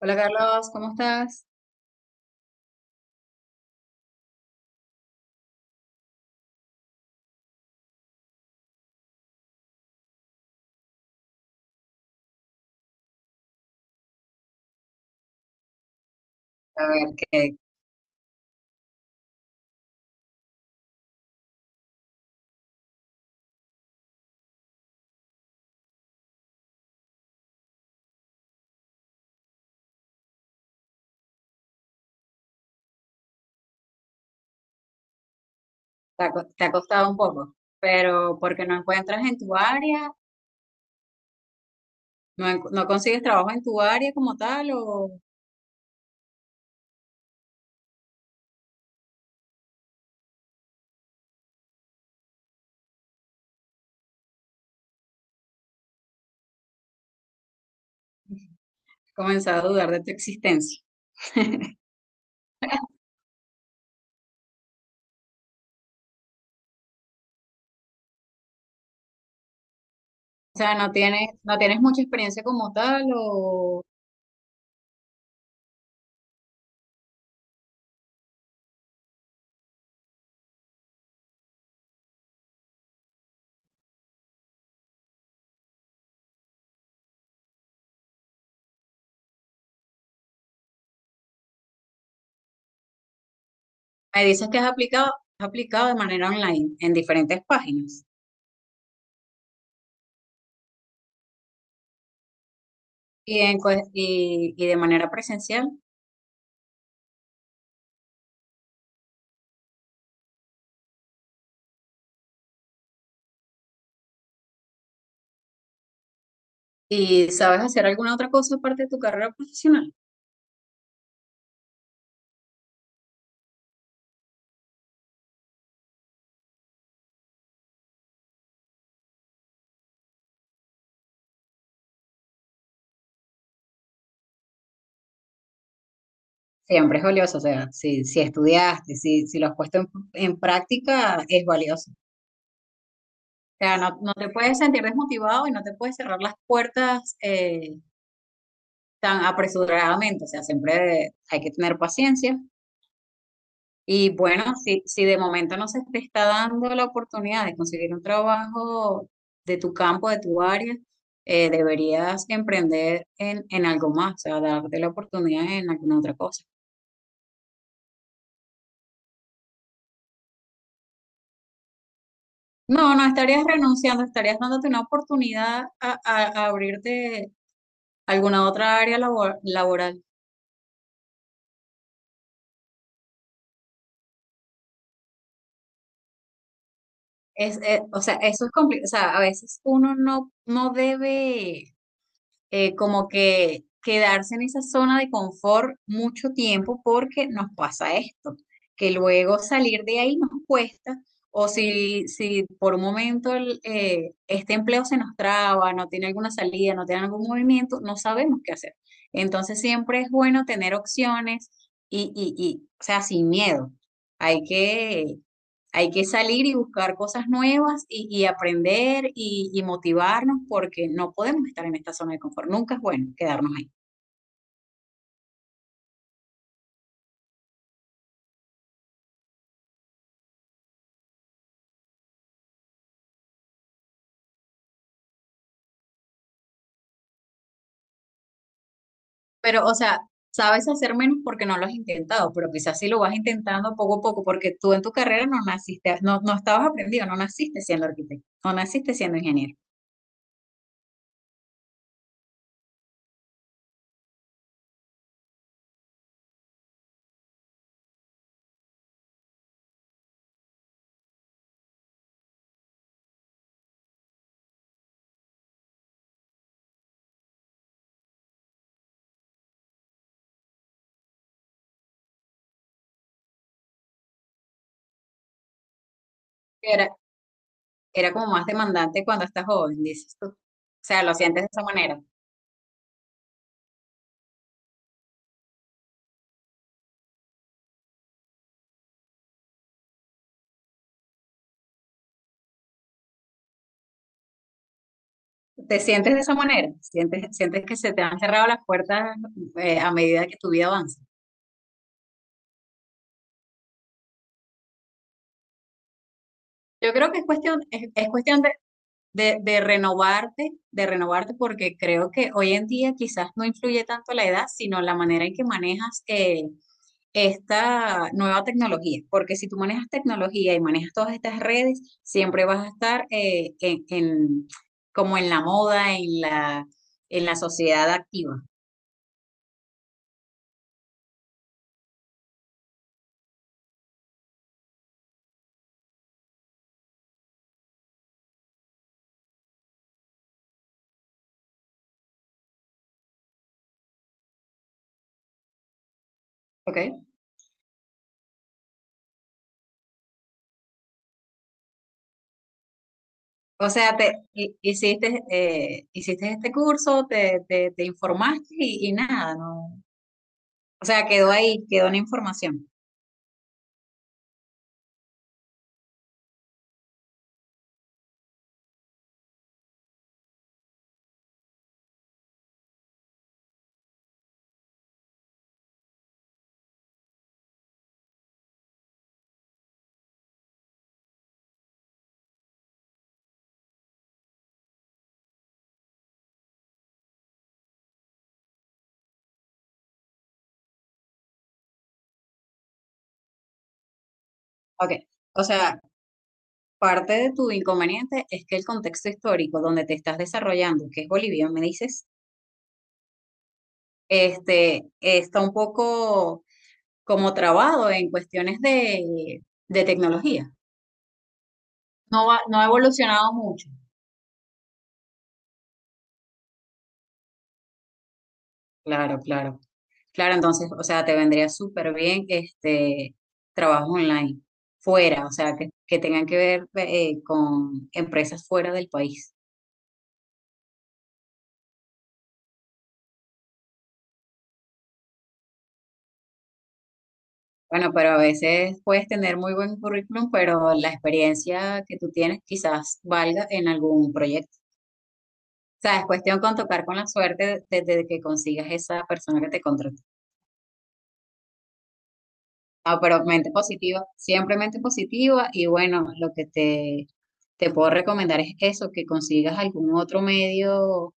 Hola Carlos, ¿cómo estás? A ver, que te ha costado un poco, pero porque no encuentras en tu área, no consigues trabajo en tu área como tal o comenzar a dudar de tu existencia. O sea, no tienes mucha experiencia como tal o me dices que has aplicado de manera online en diferentes páginas y de manera presencial. ¿Y sabes hacer alguna otra cosa aparte de tu carrera profesional? Siempre es valioso, o sea, si estudiaste, si lo has puesto en práctica, es valioso. O sea, no te puedes sentir desmotivado y no te puedes cerrar las puertas tan apresuradamente, o sea, siempre hay que tener paciencia. Y bueno, si de momento no se te está dando la oportunidad de conseguir un trabajo de tu campo, de tu área, deberías emprender en algo más, o sea, darte la oportunidad en alguna otra cosa. No, no estarías renunciando, estarías dándote una oportunidad a abrirte alguna otra área laboral. O sea, eso es complicado. O sea, a veces uno no debe. Eh, como que quedarse en esa zona de confort mucho tiempo porque nos pasa esto, que luego salir de ahí nos cuesta o si por un momento este empleo se nos traba, no tiene alguna salida, no tiene algún movimiento, no sabemos qué hacer. Entonces siempre es bueno tener opciones y o sea, sin miedo. Hay que Hay que salir y buscar cosas nuevas y aprender y motivarnos porque no podemos estar en esta zona de confort. Nunca es bueno quedarnos ahí. Pero, o sea, sabes hacer menos porque no lo has intentado, pero quizás sí lo vas intentando poco a poco, porque tú en tu carrera no naciste, no estabas aprendido, no naciste siendo arquitecto, no naciste siendo ingeniero. Era, Era como más demandante cuando estás joven, dices tú. O sea, lo sientes de esa manera. ¿Te sientes de esa manera? Sientes que se te han cerrado las puertas a medida que tu vida avanza? Yo creo que es cuestión de de renovarte, porque creo que hoy en día quizás no influye tanto la edad, sino la manera en que manejas esta nueva tecnología, porque si tú manejas tecnología y manejas todas estas redes, siempre vas a estar como en la moda, en la sociedad activa. ¿Ok? O sea, hiciste, hiciste este curso, te informaste y nada. No, o sea, quedó ahí, quedó una información. Ok. O sea, parte de tu inconveniente es que el contexto histórico donde te estás desarrollando, que es Bolivia, me dices, este, está un poco como trabado en cuestiones de tecnología. No va, no ha evolucionado mucho. Claro, claro. Claro, entonces, o sea, te vendría súper bien este trabajo online, fuera, o sea, que tengan que ver con empresas fuera del país. Bueno, pero a veces puedes tener muy buen currículum, pero la experiencia que tú tienes quizás valga en algún proyecto. O sea, es cuestión con tocar con la suerte desde que consigas esa persona que te contrató. No, pero mente positiva, siempre mente positiva y bueno, te puedo recomendar es eso, que consigas algún otro medio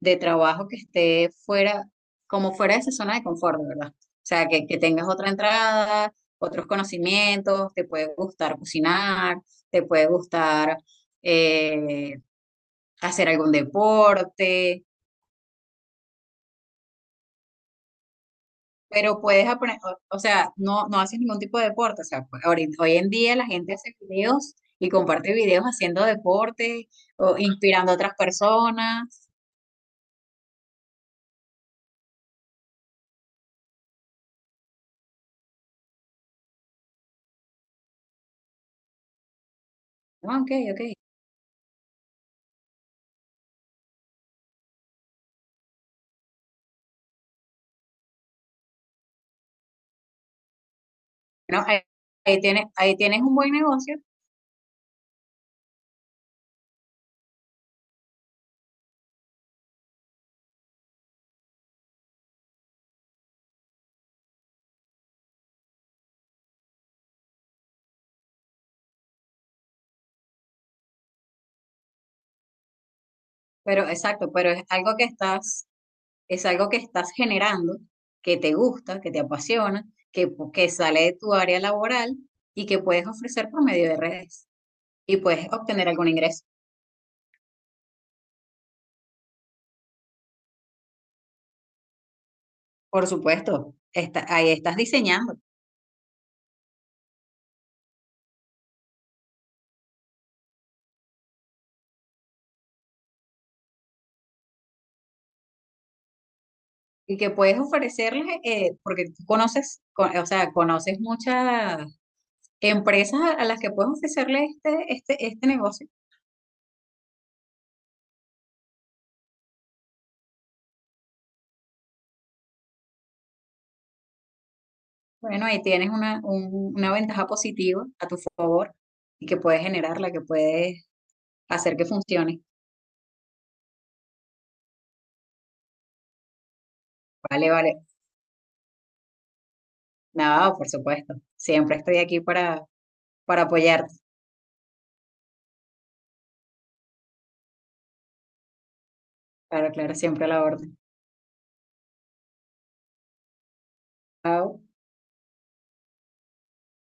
de trabajo que esté fuera, como fuera de esa zona de confort, de ¿verdad? O sea, que tengas otra entrada, otros conocimientos, te puede gustar cocinar, te puede gustar eh, hacer algún deporte. Pero puedes aprender, o sea, no, no haces ningún tipo de deporte. O sea, pues, hoy en día la gente hace videos y comparte videos haciendo deporte o inspirando a otras personas. Ah, ok, ok. No, ahí tienes un buen negocio, pero exacto, pero es algo que estás generando, que te gusta, que te apasiona, que, que sale de tu área laboral y que puedes ofrecer por medio de redes y puedes obtener algún ingreso. Por supuesto, está, ahí estás diseñando y que puedes ofrecerles, porque tú conoces, o sea, conoces muchas empresas a las que puedes ofrecerle este negocio. Bueno, ahí tienes una ventaja positiva a tu favor y que puedes generarla, que puedes hacer que funcione. Vale, vale. Nada, por supuesto. Siempre estoy aquí para apoyarte. Claro, claro, siempre a la orden. Chao.